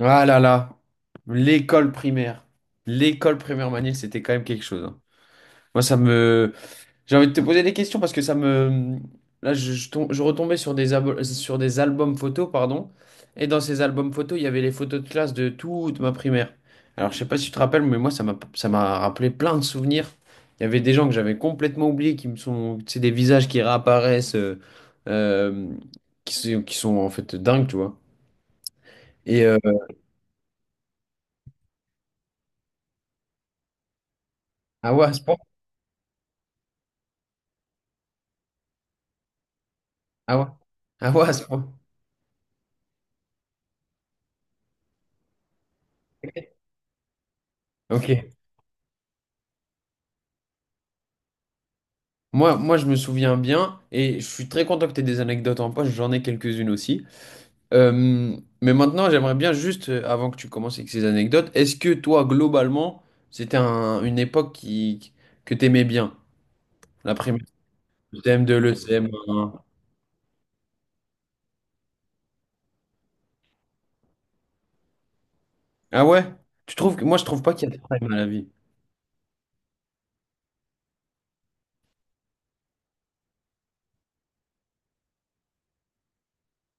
Ah là là, l'école primaire. L'école primaire Manil, c'était quand même quelque chose, hein. Moi, ça me... J'ai envie de te poser des questions parce que ça me... Là, je retombais sur des, sur des albums photos, pardon. Et dans ces albums photos, il y avait les photos de classe de toute ma primaire. Alors, je sais pas si tu te rappelles, mais moi, ça m'a rappelé plein de souvenirs. Il y avait des gens que j'avais complètement oubliés qui me sont... C'est des visages qui réapparaissent, euh, qui sont en fait dingues, tu vois. Et... euh, Ah ouais, à ce point. Ah ouais? Ah ouais, à ce point. Ok. Moi, je me souviens bien et je suis très content que tu aies des anecdotes en poche. J'en ai quelques-unes aussi. Euh, mais maintenant, j'aimerais bien juste, avant que tu commences avec ces anecdotes, est-ce que toi, globalement, c'était une époque que tu aimais bien? La primaire, le CM2, le CM1. Ah ouais? Tu trouves que, moi, je trouve pas qu'il y a de prime à la vie.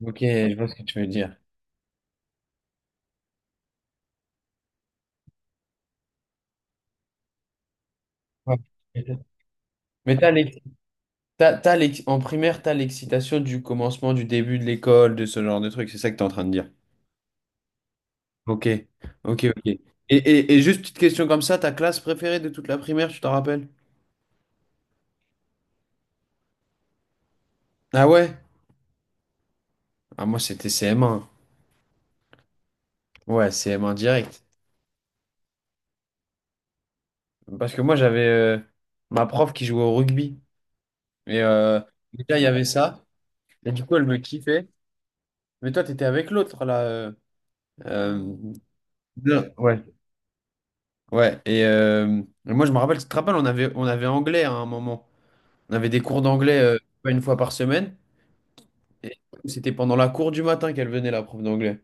Ok, je vois ce que tu veux dire. Ouais. Mais t'as l'ex- T'as, t'as l'ex- en primaire, t'as l'excitation du commencement, du début de l'école, de ce genre de truc. C'est ça que t'es en train de dire. Ok, ok, ok. Et juste petite question comme ça, ta classe préférée de toute la primaire, tu t'en rappelles? Ah ouais? Ah moi c'était CM1. Ouais, CM1 direct. Parce que moi j'avais ma prof qui jouait au rugby. Et déjà il y avait ça. Et du coup elle me kiffait. Mais toi t'étais avec l'autre là. Euh, bien. Ouais. Ouais. Et moi je me rappelle, tu te rappelles, on avait anglais à un moment. On avait des cours d'anglais pas une fois par semaine. Et c'était pendant la cour du matin qu'elle venait, la prof d'anglais.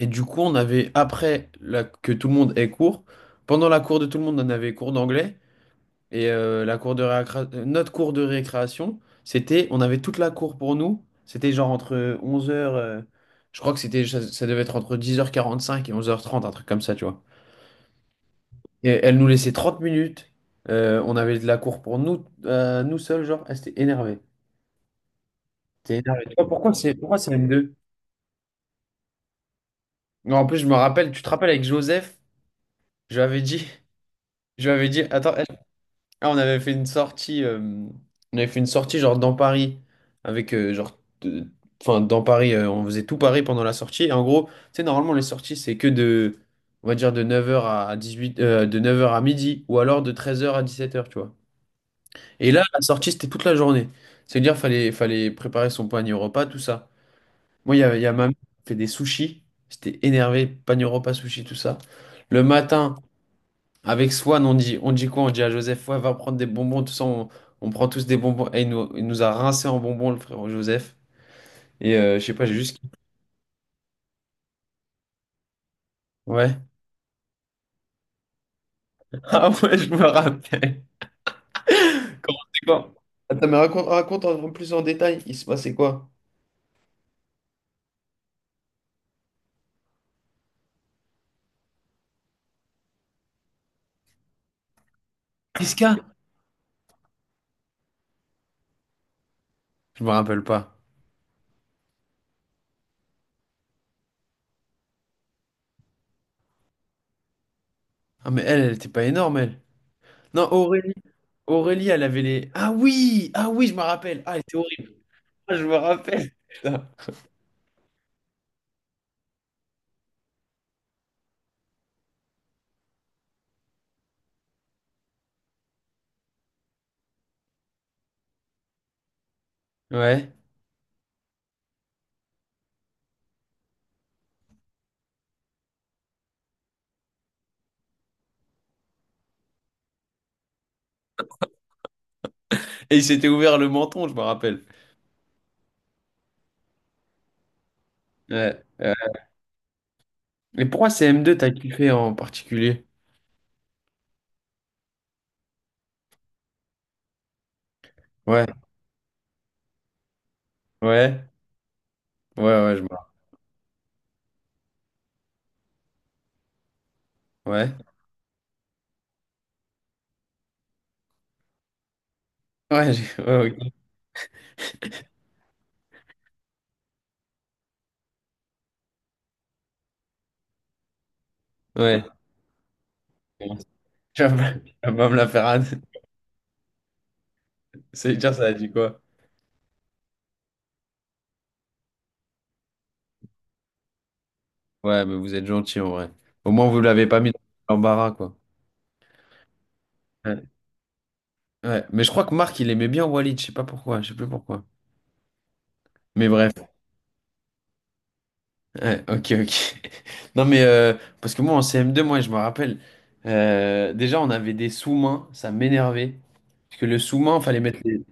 Et du coup, on avait, que tout le monde ait cours, pendant la cour de tout le monde, on avait cours d'anglais. Et la cour de récré- notre cours de récréation, c'était, on avait toute la cour pour nous. C'était genre entre 11h, je crois que c'était, ça devait être entre 10h45 et 11h30, un truc comme ça, tu vois. Et elle nous laissait 30 minutes. On avait de la cour pour nous, nous seuls, genre, elle s'était énervée. Non, mais pourquoi c'est M2? Non, en plus, je me rappelle, tu te rappelles avec Joseph, je lui avais dit, je lui avais dit, attends, ah, on avait fait une sortie, genre dans Paris, avec genre, enfin dans Paris, on faisait tout Paris pendant la sortie. Et en gros, tu sais, normalement les sorties c'est que de, on va dire de 9h à 18, de 9h à midi, ou alors de 13h à 17h, tu vois. Et là, la sortie c'était toute la journée. C'est-à-dire fallait préparer son panier au repas, tout ça. Moi, il y a ma mère qui fait des sushis. J'étais énervé, pan repas sushi, tout ça. Le matin, avec Swan, on dit quoi? On dit à Joseph, ouais, va prendre des bonbons, tout ça. On prend tous des bonbons. Et il nous a rincé en bonbons, le frère Joseph. Et je sais pas, j'ai juste. Ouais. Ah ouais, je me rappelle. Comment c'est quoi? Attends, mais raconte en plus en détail. Il se passait quoi? Qu'est-ce qu'il. Je me rappelle pas. Ah, mais elle, elle était pas énorme, elle. Non, Aurélie. Aurélie, elle avait les. Ah oui! Ah oui, je me rappelle. Ah, elle était horrible. Ah, je me rappelle. Putain. Ouais. Et il s'était ouvert le menton, je me rappelle. Ouais. Mais pourquoi C m 2 t'as kiffé en particulier? Ouais. Ouais. Ouais, ouais, je me rappelle. Ouais. Ouais, ouais, ok. Ouais. Tu vas pas me la faire. C'est dire ça a dit quoi? Ouais, mais vous êtes gentil en vrai. Au moins, vous l'avez pas mis dans l'embarras, quoi. Ouais. Ouais. Mais je crois que Marc, il aimait bien Walid, je sais pas pourquoi, je sais plus pourquoi. Mais bref. Ouais, ok, ok. Non, mais parce que moi en CM2, moi je me rappelle, déjà on avait des sous-mains, ça m'énervait. Parce que le sous-main, fallait mettre les. Tu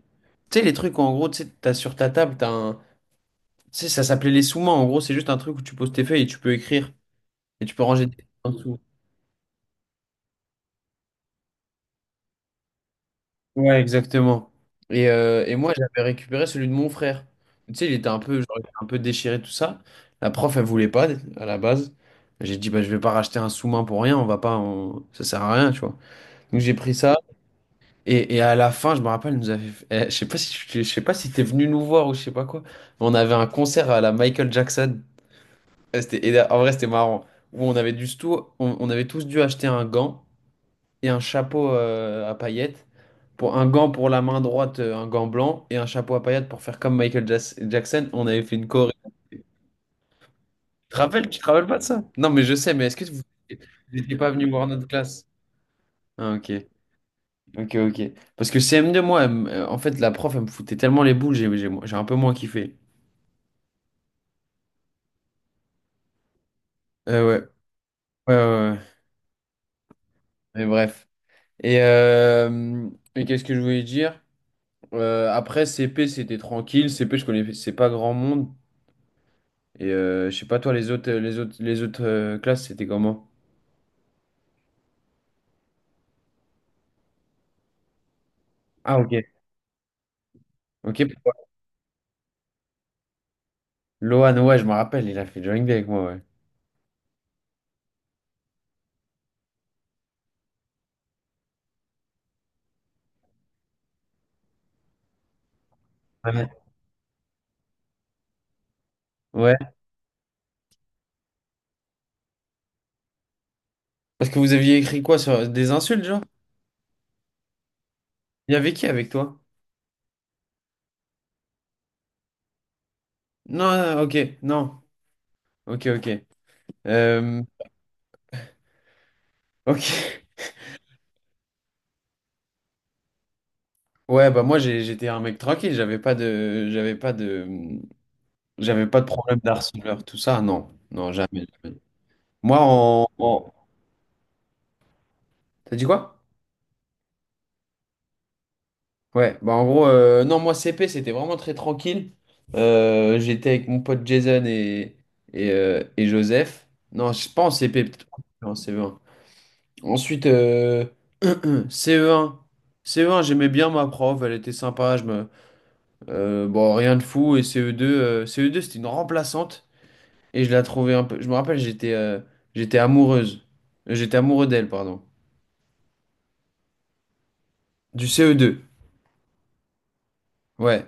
sais, les trucs où, en gros, tu sais, t'as sur ta table, t'as un. Tu sais, ça s'appelait les sous-mains. En gros, c'est juste un truc où tu poses tes feuilles et tu peux écrire et tu peux ranger tes feuilles en dessous. Ouais, exactement. Et moi, j'avais récupéré celui de mon frère. Tu sais, il était un peu, genre, il était un peu déchiré, tout ça. La prof, elle voulait pas à la base. J'ai dit, bah, je vais pas racheter un sous-main pour rien, on va pas. On- ça sert à rien, tu vois. Donc j'ai pris ça. Et à la fin, je me rappelle, elle nous avait... eh, je sais pas si t'es venu nous voir ou je sais pas quoi. Mais on avait un concert à la Michael Jackson. Eh, c'était, et en vrai, c'était marrant. Où on avait dû tout, on avait tous dû acheter un gant et un chapeau à paillettes. Pour un gant pour la main droite, un gant blanc et un chapeau à paillettes pour faire comme Jackson. On avait fait une choré. Tu te rappelles? Tu te rappelles pas de ça? Non, mais je sais. Mais est-ce que vous n'étiez pas venu voir notre classe? Ah, ok. Ok, ok. Parce que CM2, moi, en fait, la prof, elle me foutait tellement les boules, j'ai un peu moins kiffé. Ouais. Ouais, ouais, ouais. Mais bref. Et, euh, et qu'est-ce que je voulais dire? Après, CP, c'était tranquille. CP, je connaissais pas grand monde. Et je sais pas, toi, les autres classes, c'était comment? Ah, ok. Ok, pourquoi? Lohan, ouais, je me rappelle, il a fait Drawing Day avec moi, ouais. Ouais. Ouais. Parce que vous aviez écrit quoi sur des insultes, genre? Il y avait qui avec toi? Non, ok, non. Ok, ok. Euh, Ok. Ouais, bah moi j'étais un mec tranquille, j'avais pas de problème d'harceleur, tout ça, non. Non, jamais, jamais. Moi en, en- T'as dit quoi? Ouais, bah en gros, non, moi CP c'était vraiment très tranquille. J'étais avec mon pote Jason et Joseph. Non, je pense CP, peut-être pas en CE1. Ensuite, CE1. CE1, j'aimais bien ma prof, elle était sympa. Je me... bon, rien de fou. Et CE2 c'était une remplaçante. Et je la trouvais un peu. Je me rappelle, j'étais amoureuse. J'étais amoureux d'elle, pardon. Du CE2. Ouais.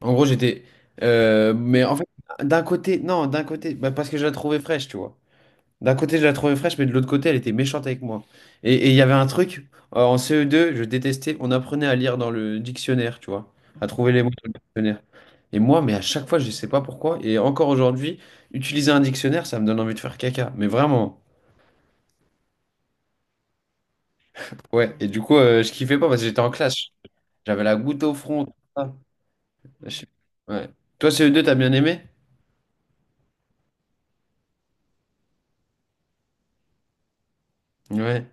En gros, j'étais. Mais en fait, d'un côté, non, d'un côté, bah, parce que je la trouvais fraîche, tu vois. D'un côté, je la trouvais fraîche, mais de l'autre côté, elle était méchante avec moi. Et il y avait un truc, en CE2, je détestais, on apprenait à lire dans le dictionnaire, tu vois, à trouver les mots dans le dictionnaire. Et moi, mais à chaque fois, je sais pas pourquoi, et encore aujourd'hui, utiliser un dictionnaire, ça me donne envie de faire caca. Mais vraiment, ouais. Et du coup, je kiffais pas parce que j'étais en classe. J'avais la goutte au front, tout ça. Je sais- Ouais. Toi, ce deux t'as bien aimé? Ouais.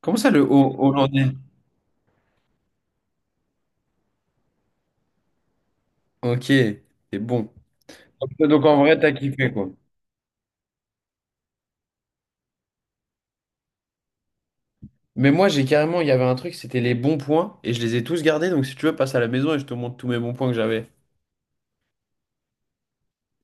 Comment ça, hollandais? Ok, c'est bon. Donc en vrai, t'as kiffé, quoi. Mais moi, j'ai carrément, il y avait un truc, c'était les bons points, et je les ai tous gardés. Donc si tu veux, passe à la maison et je te montre tous mes bons points que j'avais.